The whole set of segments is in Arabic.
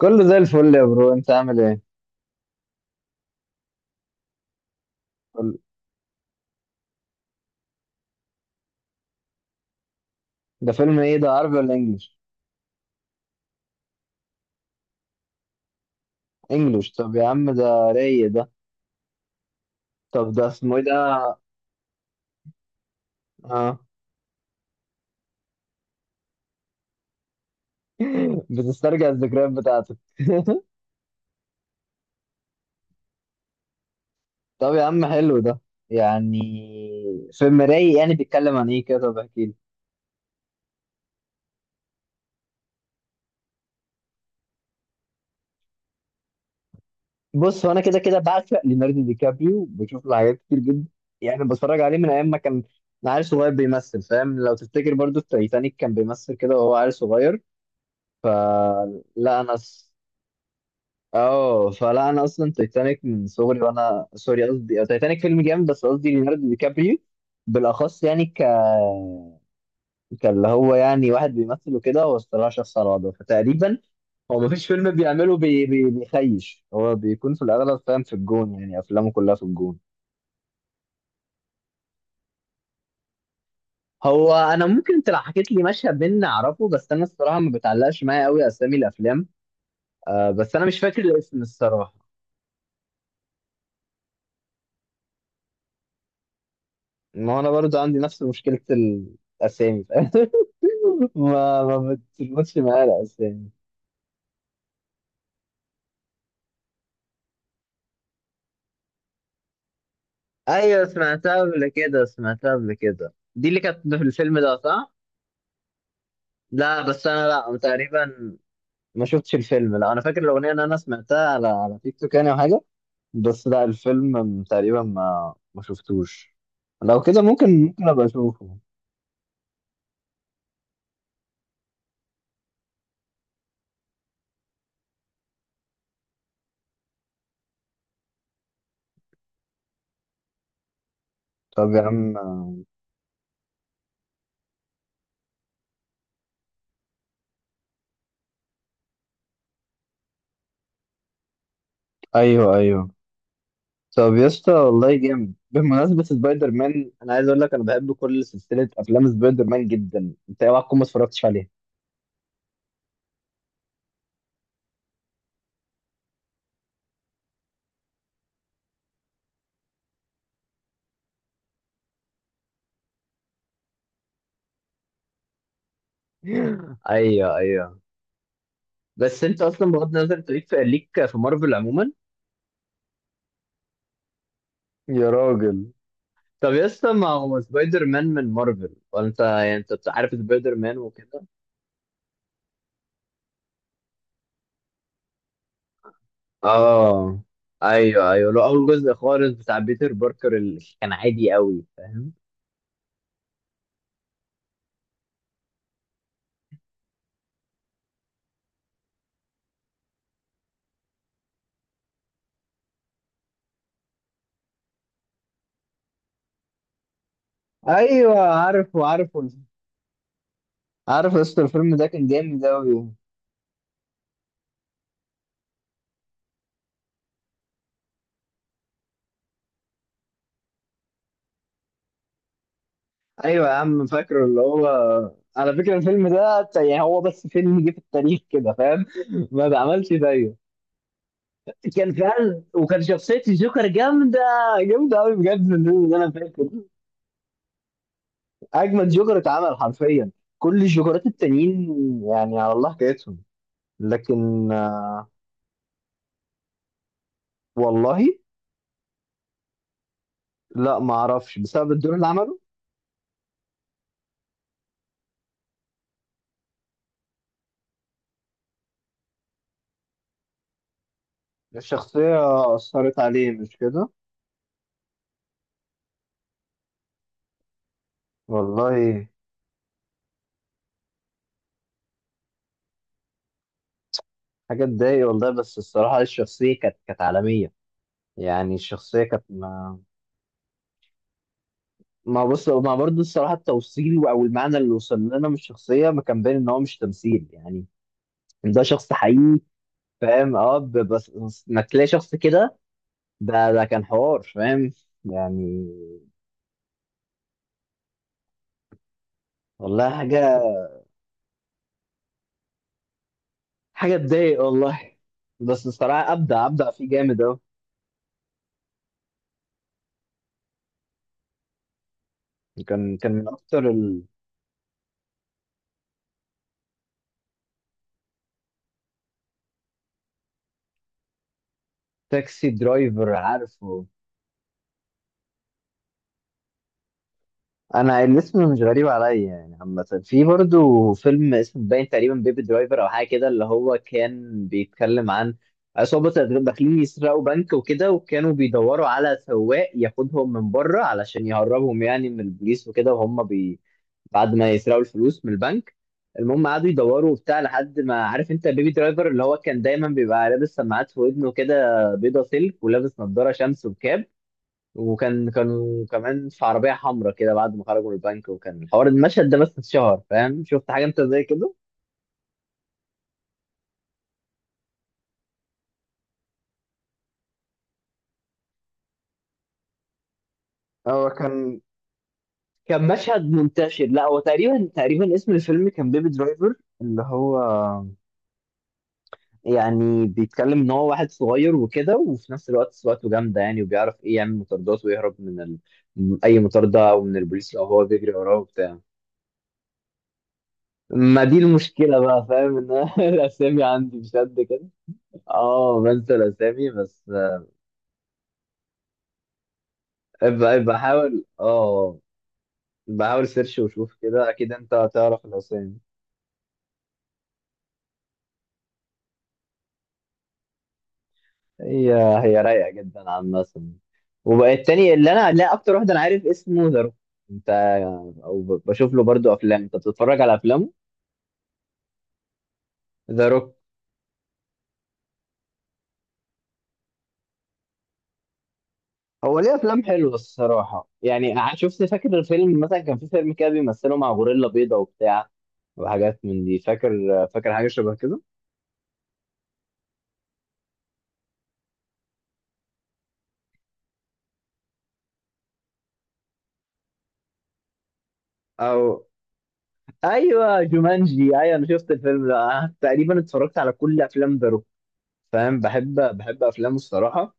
كله زي الفل يا برو، انت عامل ايه؟ كل- ده فيلم ايه؟ ده عربي ولا انجلش؟ انجلش؟ طب يا عم ده رايق ده. طب ده اسمه ايه ده؟ اه. بتسترجع الذكريات بتاعتك. طب يا عم حلو ده، يعني فيلم رايق. يعني بيتكلم عن ايه كده؟ طب احكي لي. بص، هو انا كده كده بعشق ليوناردو دي كابريو، بشوف له حاجات كتير جدا. يعني بتفرج عليه من ايام ما كان عيل صغير بيمثل، فاهم؟ لو تفتكر برضو في تايتانيك كان بيمثل كده وهو عيل صغير. فلا انا اه، فلا انا اصلا تايتانيك من صغري، وانا سوري، قصدي تايتانيك فيلم جامد، بس قصدي ليوناردو دي كابريو بالاخص. يعني كاللي هو يعني واحد بيمثل وكده، هو الصراحه شخص على وضعه، فتقريبا هو مفيش فيلم بيعمله بيخيش. هو بيكون في الاغلب فاهم في الجون، يعني افلامه كلها في الجون. هو انا ممكن انت لو حكيت لي مشهد منه اعرفه، بس انا الصراحه ما بتعلقش معايا قوي اسامي الافلام. آه، بس انا مش فاكر الاسم الصراحه. ما هو انا برضو عندي نفس مشكله الاسامي. ما بتربطش معايا الاسامي. ايوه، سمعتها قبل كده، سمعتها قبل كده، دي اللي كانت في الفيلم ده صح؟ لا بس انا، لا تقريبا ما شفتش الفيلم. لا انا فاكر الاغنيه ان انا سمعتها على على تيك توك يعني، او حاجه. بس لا الفيلم تقريبا ما شفتوش. لو كده ممكن، ممكن ابقى اشوفه. طب يا عم. ايوه ايوه. طب يا اسطى والله جامد. بمناسبه سبايدر مان، انا عايز اقول لك انا بحب كل سلسله افلام سبايدر مان جدا. انت إيه، اوعى تكون ما اتفرجتش عليها. ايوه ايوه. بس انت اصلا بغض النظر، انت ليك في، ليك في مارفل عموما؟ يا راجل، طب يا اسطى ما هو سبايدر مان من مارفل، وانت يعني انت عارف سبايدر مان وكده. اه. ايوه ايوه، لو اول جزء خالص بتاع بيتر باركر اللي كان عادي قوي، فاهم. ايوه عارفه عارفه. عارف يا اسطى الفيلم ده كان جامد اوي. ايوه يا عم، فاكره اللي هو. على فكره الفيلم ده يعني هو بس فيلم جه في التاريخ كده، فاهم؟ ما بعملش زيه. كان فعلا، وكان شخصية الجوكر جامدة، جامدة أوي بجد، من الفيلم اللي أنا فاكر. أجمد جوكر اتعمل حرفيا، كل الجوكرات التانيين يعني على الله حكايتهم. لكن آه، والله؟ لا ما أعرفش. بسبب الدور اللي عمله؟ الشخصية أثرت عليه، مش كده؟ والله حاجة تضايق والله. بس الصراحة الشخصية كانت، كانت عالمية. يعني الشخصية كانت ما. ما بص، ما برضه الصراحة التوصيل أو المعنى اللي وصل لنا من الشخصية ما كان باين إن هو مش تمثيل، يعني ده شخص حقيقي، فاهم؟ اه، بس انك تلاقي شخص كده، ده ده كان حوار، فاهم يعني. والله حاجه، حاجه تضايق والله. بس الصراحه ابدع، ابدع فيه جامد اهو. كان كان من اكتر. التاكسي درايفر عارفه. انا الاسم مش غريب عليا يعني عامه. في برضو فيلم اسمه باين تقريبا بيبي درايفر او حاجه كده، اللي هو كان بيتكلم عن عصابه داخلين يسرقوا بنك وكده، وكانوا بيدوروا على سواق ياخدهم من بره علشان يهربهم يعني من البوليس وكده، وهم بعد ما يسرقوا الفلوس من البنك. المهم قعدوا يدوروا وبتاع، لحد ما، عارف انت بيبي درايفر اللي هو كان دايما بيبقى لابس سماعات في ودنه كده، بيضه سلك، ولابس نضاره شمس وكاب. وكان، كانوا كمان في عربية حمراء كده بعد ما خرجوا من البنك، وكان الحوار المشهد ده بس اتشهر، فاهم؟ شفت حاجة انت زي كده؟ هو كان، كان مشهد منتشر. لا هو تقريبا، تقريبا اسم الفيلم كان بيبي درايفر، اللي هو يعني بيتكلم ان هو واحد صغير وكده، وفي نفس الوقت سواقته جامده يعني، وبيعرف ايه يعمل مطاردات ويهرب من اي مطارده او من البوليس لو هو بيجري وراه وبتاع. ما دي المشكله بقى، فاهم، ان أنا الاسامي عندي مش قد كده. اه، بنسى الاسامي بس. ابقى حاول. اه بحاول سيرش وشوف كده، اكيد انت هتعرف الاسامي. هي، هي رايقه جدا عامه. وبقى التاني اللي انا، لا اكتر واحد انا عارف اسمه ذا روك. انت، او بشوف له برضو افلام. انت بتتفرج على افلامه؟ ذا روك. هو ليه افلام حلوه الصراحه، يعني شفت فاكر الفيلم مثلا كان في فيلم كده بيمثله مع غوريلا بيضه وبتاع، وحاجات من دي. فاكر؟ فاكر حاجه شبه كده؟ او، ايوه جومانجي، ايوه انا شفت الفيلم ده. أنا تقريبا اتفرجت على كل افلام ذا روك، فاهم؟ بحب، بحب افلامه الصراحه.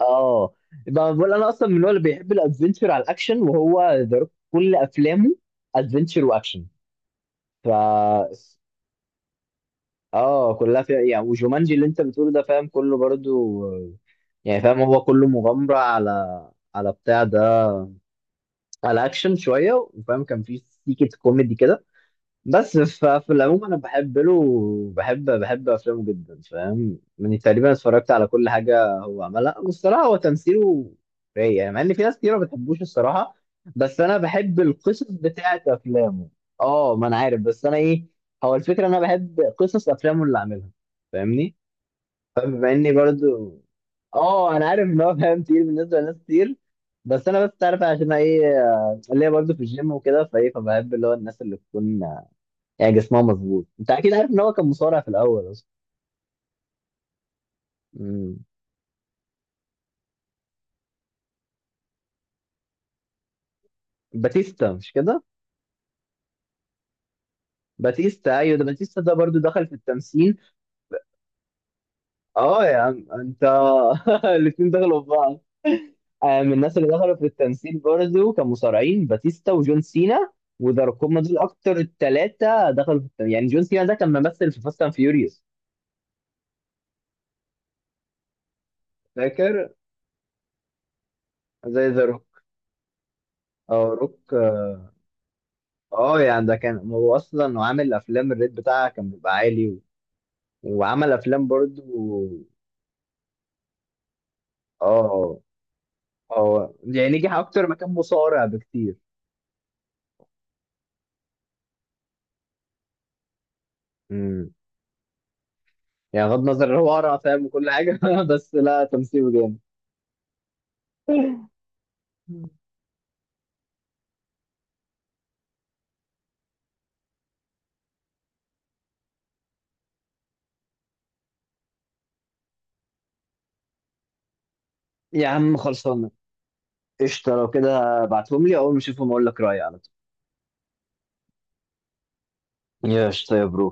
اه. بقى بقول انا اصلا من النوع اللي بيحب الادفنتشر على الاكشن، وهو ذا روك كل افلامه ادفنتشر واكشن. ف اه كلها فيها يعني. وجومانجي اللي انت بتقوله ده، فاهم، كله برضو يعني، فاهم، هو كله مغامره، على على بتاع ده، على اكشن شويه، وفاهم كان فيه سيكه كوميدي كده. بس في العموم انا بحب له. بحب، بحب افلامه جدا، فاهم، يعني تقريبا اتفرجت على كل حاجه هو عملها. والصراحه هو تمثيله رايق، يعني مع ان في ناس كتير ما بتحبوش الصراحه، بس انا بحب القصص بتاعت افلامه. اه، ما انا عارف، بس انا ايه، هو الفكره انا بحب قصص افلامه اللي عاملها، فاهمني؟ فبما اني برضو، اه انا عارف ان هو فاهم كتير بالنسبه لناس كتير، بس انا بس عارف عشان ايه. آه، اللي هي برضه في الجيم وكده، فايه فبحب اللي هو الناس اللي تكون يعني جسمها مظبوط. انت اكيد عارف ان هو كان مصارع في الاول اصلا. امم. باتيستا مش كده؟ باتيستا، ايوه ده باتيستا، ده برضو دخل في التمثيل. اه يا عم انت الاتنين دخلوا في بعض. آه، من الناس اللي دخلوا في التمثيل برضو كان مصارعين، باتيستا وجون سينا وذا روك، هما دول اكتر التلاتة دخلوا في التمثيل. يعني جون سينا ده كان ممثل في فاست اند فيوريوس. فاكر. زي ذا روك. اه روك. اه يعني ده كان، هو اصلا عامل افلام الريت بتاعها كان بيبقى عالي، وعمل افلام برضو. اه. هو يعني نجح اكتر ما كان مصارع بكتير. امم. يعني بغض النظر إن هو قرع، فاهم، وكل حاجه بس لا تمثيله جامد. يا عم خلصانه. قشطه لو كده ابعتهم لي، اول ما اشوفهم اقول لك رايي على طول. يا قشطه يا برو.